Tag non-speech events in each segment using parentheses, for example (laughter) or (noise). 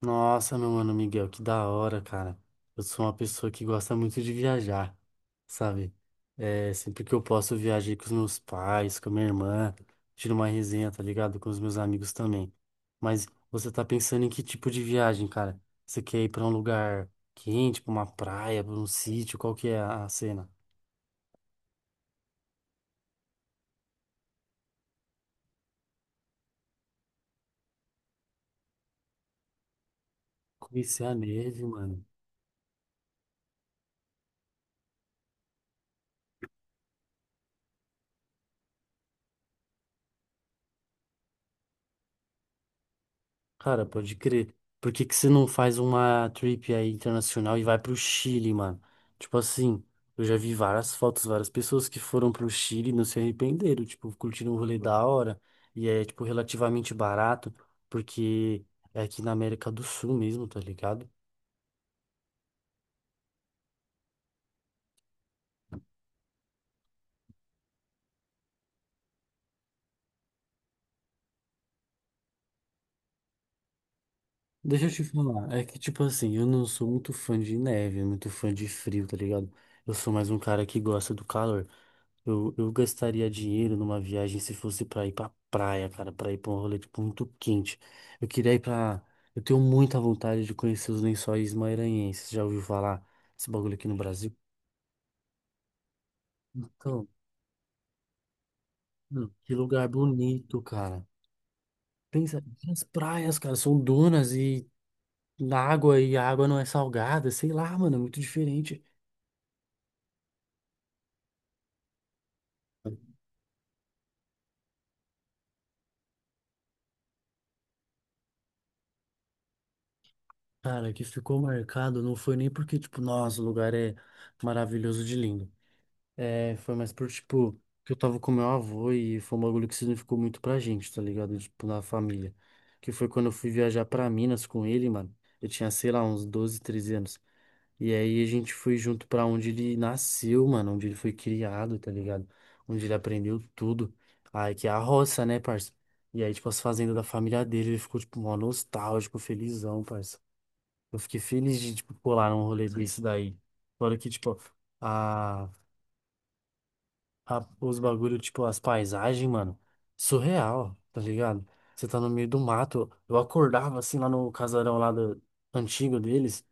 Nossa, meu mano Miguel, que da hora, cara. Eu sou uma pessoa que gosta muito de viajar, sabe? É, sempre que eu posso, eu viajei com os meus pais, com a minha irmã, tiro uma resenha, tá ligado? Com os meus amigos também. Mas você tá pensando em que tipo de viagem, cara? Você quer ir pra um lugar quente, pra uma praia, pra um sítio? Qual que é a cena? Conhecer a neve, mano. Cara, pode crer. Por que que você não faz uma trip aí internacional e vai pro Chile, mano? Tipo assim, eu já vi várias fotos, várias pessoas que foram pro Chile e não se arrependeram, tipo, curtiram um rolê da hora e é, tipo, relativamente barato, porque é aqui na América do Sul mesmo, tá ligado? Deixa eu te falar, é que, tipo assim, eu não sou muito fã de neve, muito fã de frio, tá ligado? Eu sou mais um cara que gosta do calor. Eu gastaria dinheiro numa viagem se fosse pra ir pra praia, cara, pra ir pra um rolê tipo, muito quente. Eu queria ir pra. Eu tenho muita vontade de conhecer os Lençóis Maranhenses. Já ouviu falar esse bagulho aqui no Brasil? Então, mano, que lugar bonito, cara. Pensa, as praias, cara, são dunas e na água e a água não é salgada, sei lá, mano, é muito diferente. Cara, que ficou marcado não foi nem porque, tipo, nossa, o lugar é maravilhoso de lindo. É, foi mais por, tipo, que eu tava com meu avô e foi um bagulho que significou muito pra gente, tá ligado? Tipo, na família. Que foi quando eu fui viajar pra Minas com ele, mano. Eu tinha, sei lá, uns 12 13 anos. E aí a gente foi junto pra onde ele nasceu, mano, onde ele foi criado, tá ligado? Onde ele aprendeu tudo. Aí que é a roça, né, parça? E aí, tipo, as fazendas da família dele, ele ficou, tipo, mó nostálgico, felizão, parça. Eu fiquei feliz de, tipo, colar num rolê desse daí. Fora que, tipo, a os bagulho, tipo, as paisagens, mano, surreal, tá ligado? Você tá no meio do mato. Eu acordava assim lá no casarão lá do, antigo deles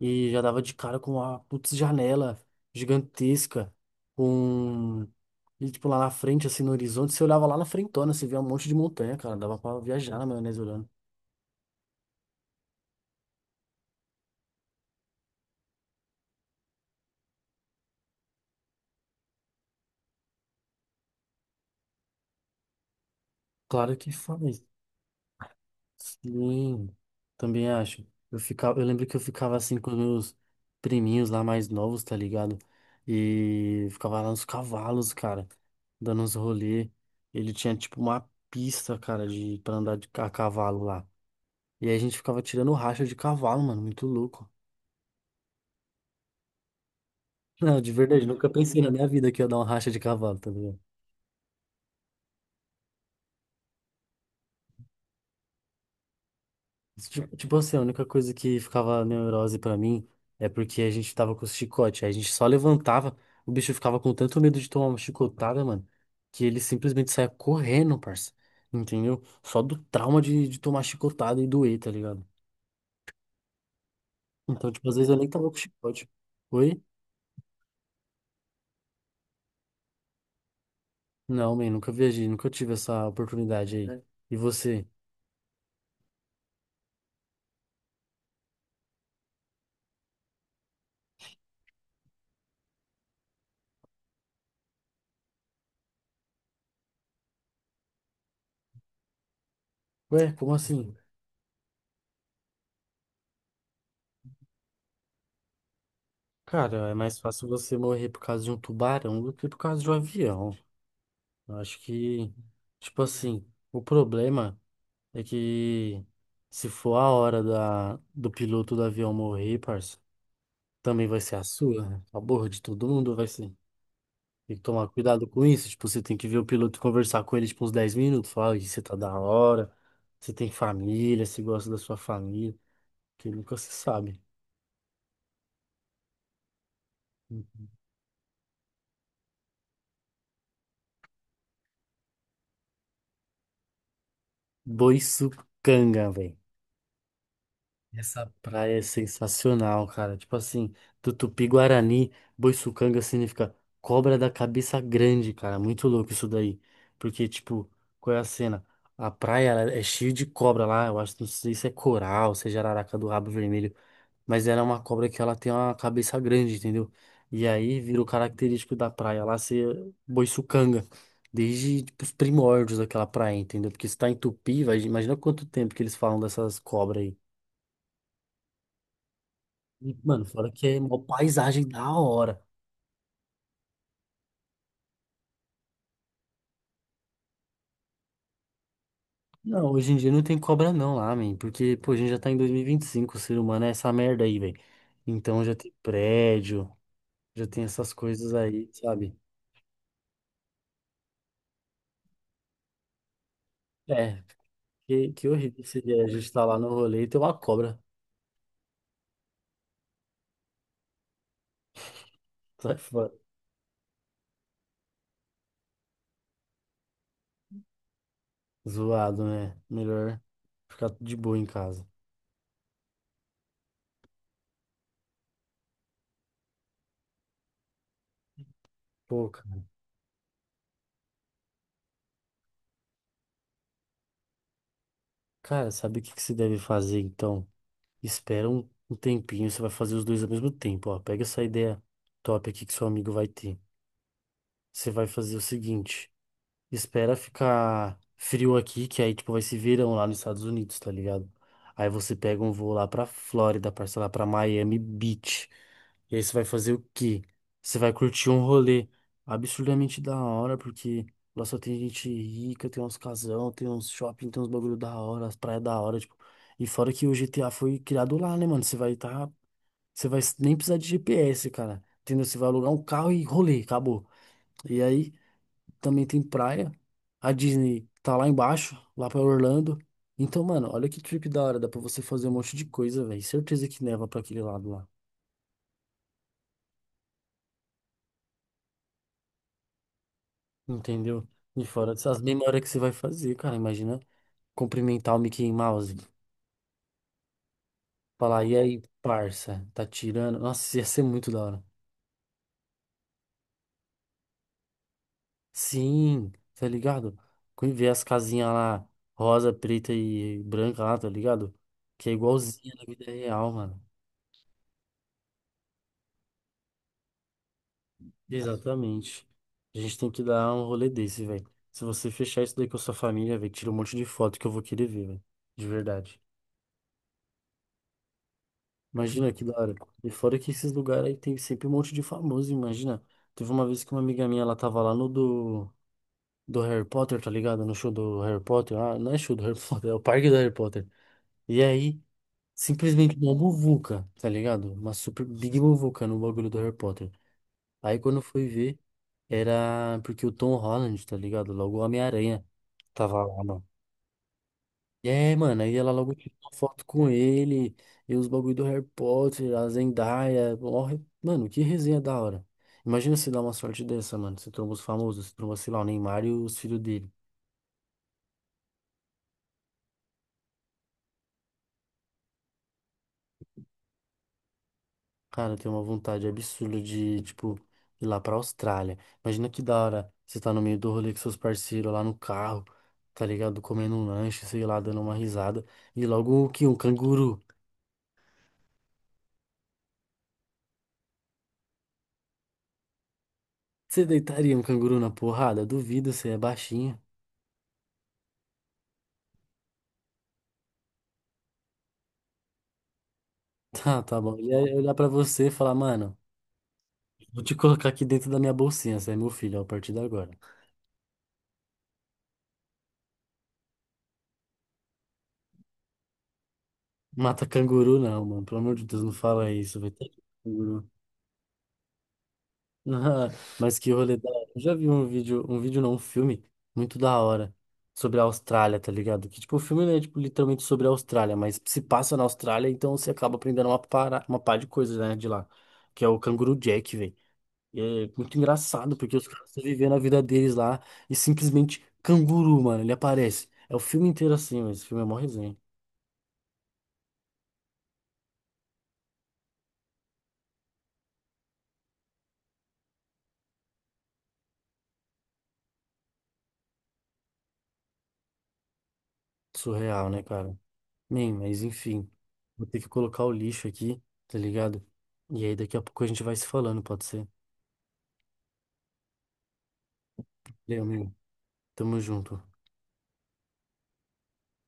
e já dava de cara com uma putz janela gigantesca, com. E, tipo, lá na frente, assim, no horizonte, você olhava lá na frentona, você via um monte de montanha, cara. Dava pra viajar na maionese olhando. Claro que faz. Sim, também acho. Eu ficava, eu lembro que eu ficava assim com meus priminhos lá mais novos, tá ligado? E ficava lá nos cavalos, cara, dando uns rolê. Ele tinha tipo uma pista, cara, de para andar a cavalo lá. E aí a gente ficava tirando racha de cavalo, mano, muito louco. (laughs) Não, de verdade, nunca pensei na minha vida que ia dar uma racha de cavalo, tá ligado? Tipo, tipo assim, a única coisa que ficava neurose pra mim é porque a gente tava com o chicote. Aí a gente só levantava, o bicho ficava com tanto medo de tomar uma chicotada, mano, que ele simplesmente saia correndo, parça. Entendeu? Só do trauma de tomar chicotada e doer, tá ligado? Então, tipo, às vezes eu nem tava com chicote. Oi? Não, man, nunca viajei, nunca tive essa oportunidade aí. É. E você? Ué, como assim? Cara, é mais fácil você morrer por causa de um tubarão do que por causa de um avião. Eu acho que, tipo assim, o problema é que se for a hora do piloto do avião morrer, parça, também vai ser a sua, né? A borra de todo mundo vai ser. Tem que tomar cuidado com isso. Tipo, você tem que ver o piloto e conversar com ele, tipo, uns 10 minutos. Falar, "Ih, você tá da hora, você tem família, você gosta da sua família, que nunca se sabe." Boi sucanga, velho. Essa praia é sensacional, cara. Tipo assim, do Tupi-Guarani, Boiçucanga significa cobra da cabeça grande, cara. Muito louco isso daí. Porque, tipo, qual é a cena? A praia ela é cheia de cobra lá. Eu acho, não sei se é coral, se é jararaca do rabo vermelho. Mas ela é uma cobra que ela tem uma cabeça grande, entendeu? E aí vira o característico da praia lá ser Boiçucanga. Desde, tipo, os primórdios daquela praia, entendeu? Porque se tá em Tupi, vai, imagina quanto tempo que eles falam dessas cobras aí. E, mano, fora que é uma paisagem da hora. Não, hoje em dia não tem cobra não lá, man, porque, pô, a gente já tá em dois mil e vinte e cinco, o ser humano é essa merda aí, velho. Então já tem prédio, já tem essas coisas aí, sabe? É, que horrível seria a gente estar lá no rolê e ter uma cobra. Sai fora. Zoado, né? Melhor ficar de boa em casa. Pô, cara, cara, sabe o que que você deve fazer então? Espera um tempinho, você vai fazer os dois ao mesmo tempo, ó. Pega essa ideia top aqui que seu amigo vai ter. Você vai fazer o seguinte: espera ficar frio aqui, que aí, tipo, vai ser verão lá nos Estados Unidos, tá ligado? Aí você pega um voo lá pra Flórida, parça, lá pra Miami Beach. E aí você vai fazer o quê? Você vai curtir um rolê absurdamente da hora, porque lá só tem gente rica, tem uns casão, tem uns shopping, tem uns bagulho da hora, as praias da hora, tipo. E fora que o GTA foi criado lá, né, mano? Você vai tá. Você vai nem precisar de GPS, cara. Entendeu? Você vai alugar um carro e rolê, acabou. E aí também tem praia. A Disney tá lá embaixo, lá pra Orlando. Então, mano, olha que trip da hora, dá pra você fazer um monte de coisa, velho. Certeza que neva pra aquele lado lá, entendeu? E fora essas memórias que você vai fazer, cara, imagina cumprimentar o Mickey Mouse, falar, e aí, parça, tá tirando? Nossa, ia ser muito da hora. Sim, tá ligado? Quando ver as casinhas lá, rosa, preta e branca lá, tá ligado? Que é igualzinha na vida real, mano. Exatamente. A gente tem que dar um rolê desse, velho. Se você fechar isso daí com a sua família, velho, tira um monte de foto que eu vou querer ver, velho. De verdade. Imagina que da hora. E fora que esses lugares aí tem sempre um monte de famoso, imagina. Teve uma vez que uma amiga minha, ela tava lá no do Harry Potter, tá ligado? No show do Harry Potter. Ah, não é show do Harry (laughs) Potter, é o parque do Harry Potter. E aí, simplesmente uma muvuca, tá ligado? Uma super big muvuca no bagulho do Harry Potter. Aí quando eu fui ver, era porque o Tom Holland, tá ligado? Logo o Homem-Aranha tava lá, mano. E é, mano, aí ela logo tirou uma foto com ele, e os bagulho do Harry Potter, a Zendaya, ó, mano, que resenha da hora. Imagina se dá uma sorte dessa, mano. Você tromba os famosos, você tromba, sei lá, o Neymar e os filhos dele. Cara, eu tenho uma vontade absurda de, tipo, ir lá pra Austrália. Imagina que da hora você tá no meio do rolê com seus parceiros lá no carro, tá ligado? Comendo um lanche, sei lá, dando uma risada. E logo o que? Um canguru. Você deitaria um canguru na porrada? Duvido, você é baixinho. (laughs) Tá, tá bom. Ele ia olhar pra você e falar, mano, vou te colocar aqui dentro da minha bolsinha, você é meu filho, ó, a partir de agora. Mata canguru, não, mano. Pelo amor de Deus, não fala isso, vai ter canguru. Ah, mas que rolê da hora. Eu já vi um vídeo não, um filme muito da hora sobre a Austrália, tá ligado? Que tipo, o filme não é tipo, literalmente sobre a Austrália, mas se passa na Austrália, então você acaba aprendendo uma pá de coisas, né, de lá. Que é o Canguru Jack, velho. E é muito engraçado, porque os caras estão vivendo a vida deles lá e simplesmente canguru, mano, ele aparece. É o filme inteiro assim, mas esse filme é mó resenha. Surreal, né, cara? Nem, mas enfim, vou ter que colocar o lixo aqui, tá ligado? E aí daqui a pouco a gente vai se falando, pode ser? Valeu, amigo. Tamo junto.